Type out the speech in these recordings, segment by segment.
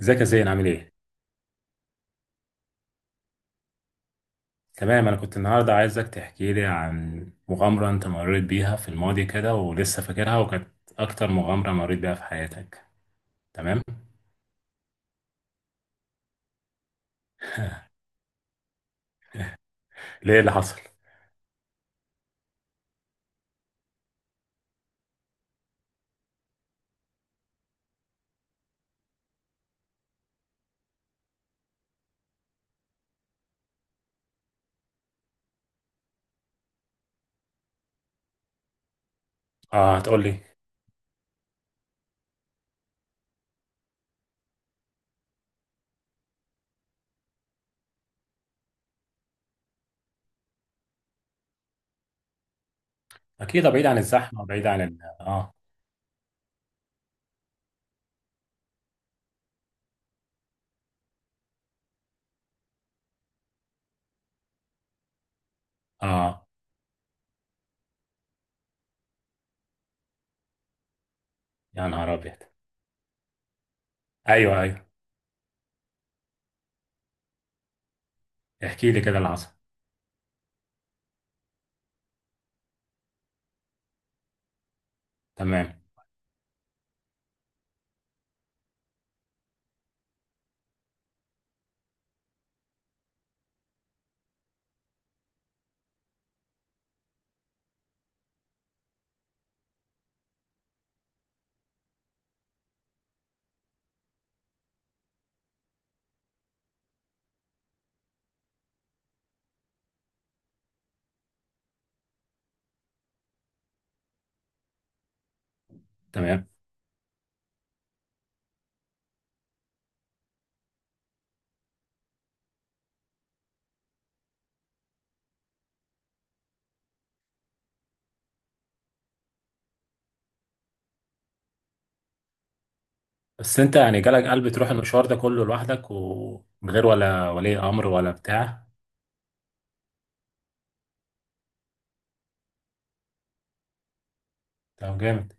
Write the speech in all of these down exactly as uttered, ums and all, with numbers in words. ازيك يا زين؟ عامل ايه؟ تمام، انا كنت النهارده عايزك تحكي لي عن مغامرة انت مريت بيها في الماضي كده ولسه فاكرها، وكانت اكتر مغامرة مريت بيها في حياتك. تمام؟ ليه؟ اللي حصل؟ اه هتقول لي. اكيد بعيد عن الزحمة، بعيد عن ال... اه. اه، يا نهار ابيض. ايوه ايوه، احكي لي كده اللي حصل. تمام. تمام، بس انت يعني جالك قلب تروح المشوار ده كله لوحدك ومن غير ولا ولي امر ولا بتاع؟ طب جامد.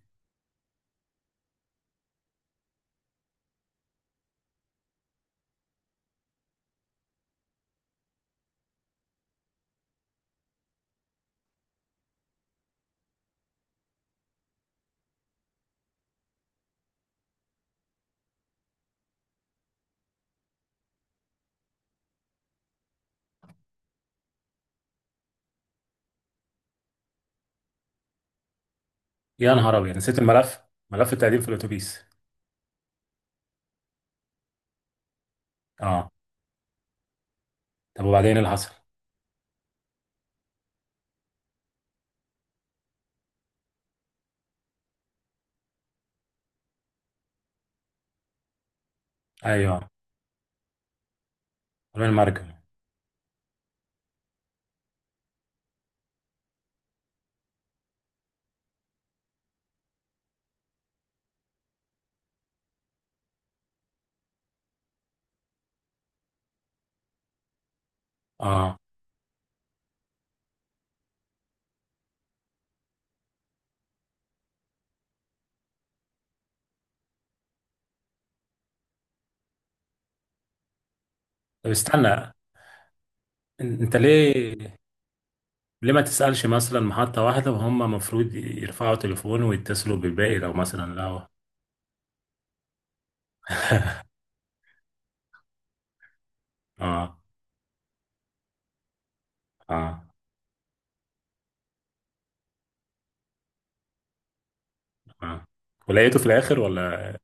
يا نهار ابيض، نسيت الملف؟ ملف التقديم في الاتوبيس؟ اه. طب وبعدين إيه اللي حصل؟ ايوه، رمي المرجم. اه. طب استنى، إن- انت ليه؟ ليه ما تسألش مثلا محطة واحدة، وهم المفروض يرفعوا تليفون ويتصلوا بالباقي، لو مثلا لو... اه. اه. اه، ولقيته في الآخر ولا؟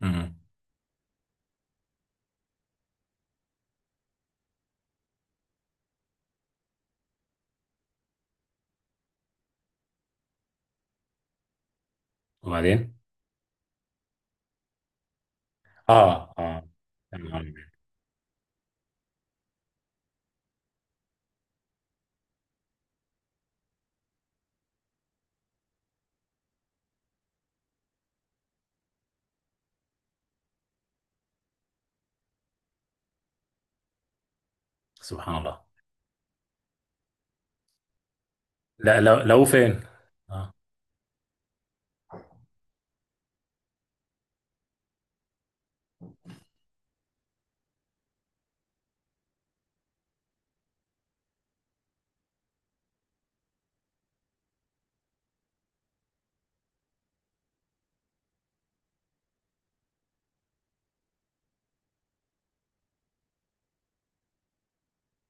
امم. وبعدين؟ اه. اه، يا نهار أبيض. سبحان الله. لا، لو لو فين؟ اه.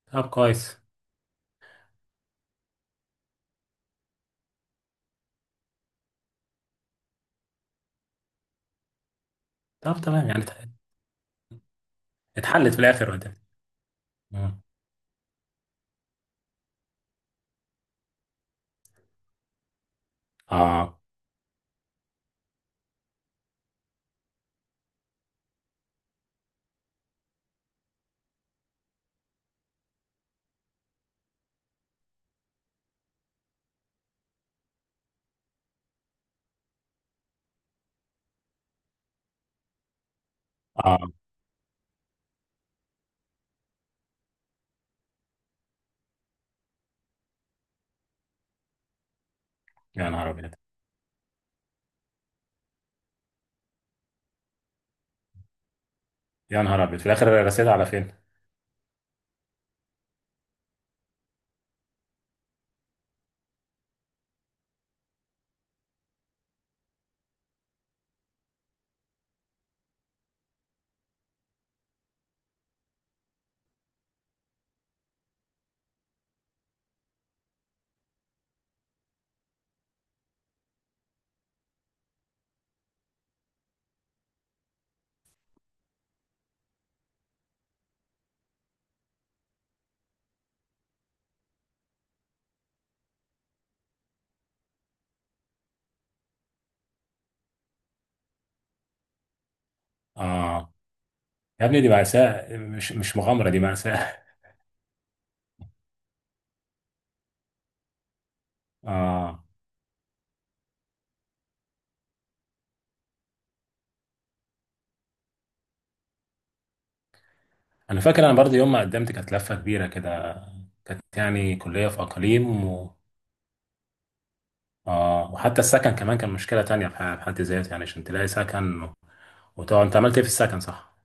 طب كويس. طب تمام يعني ات- اتحلت في الآخر؟ وده... اه. اه، يا نهار أبيض. يا نهار أبيض، في الآخر رسيت على فين؟ اه. يا ابني دي مأساة، مش مش مغامرة، دي مأساة. اه. انا فاكر انا برضه يوم ما قدمت كانت لفة كبيرة كده. كانت يعني كلية في اقاليم و... اه، وحتى السكن كمان كان مشكلة تانية في ح- في حد ذاته، يعني عشان تلاقي سكن. وطبعا انت عملت ايه في السكن؟ صح؟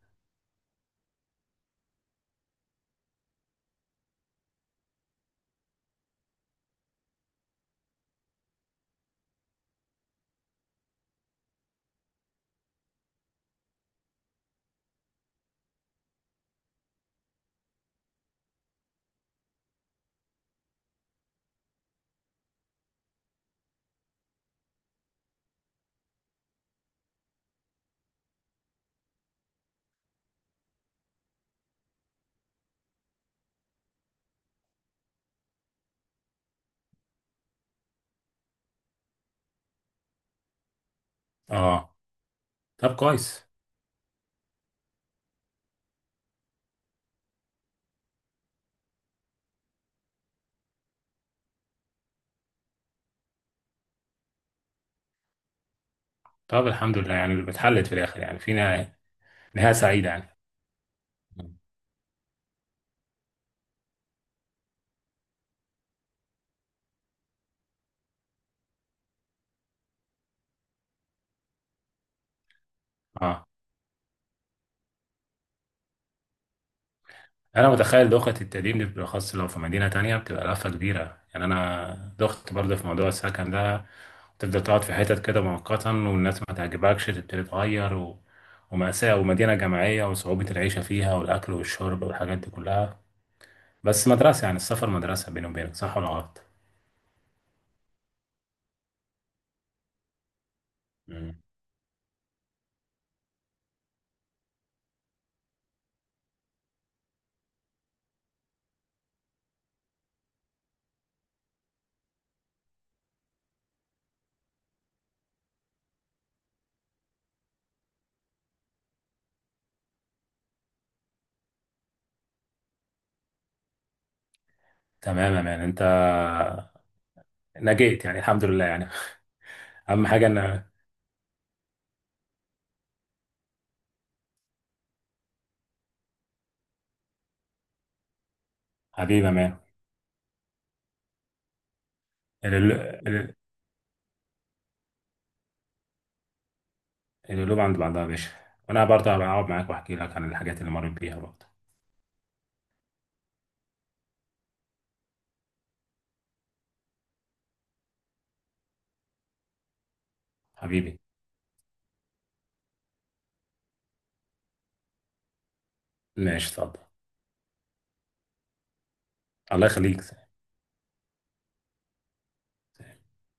اه. طب كويس. طب الحمد لله يعني اتحلت في الاخر، يعني في نهاية... نهاية سعيدة يعني. اه، انا متخيل دوخة التقديم دي، بالاخص لو في مدينة تانية بتبقى لفة كبيرة. يعني انا دخت برضه في موضوع السكن ده، تفضل تقعد في حتت كده مؤقتا والناس ما تعجبكش تبتدي تغير و... ومأساة ومدينة جامعية وصعوبة العيشة فيها والأكل والشرب والحاجات دي كلها. بس مدرسة، يعني السفر مدرسة، بيني وبينك صح ولا غلط؟ مم. تمام يا مان، أنت نجيت يعني، الحمد لله يعني. أهم حاجة إن... حبيبي يا مان. القلو- القلوب عند بعضها يا باشا، وأنا برضه هبقى أقعد معاك وأحكي لك عن الحاجات اللي مريت بيها برضه. حبيبي. ماشي، اتفضل. الله يخليك.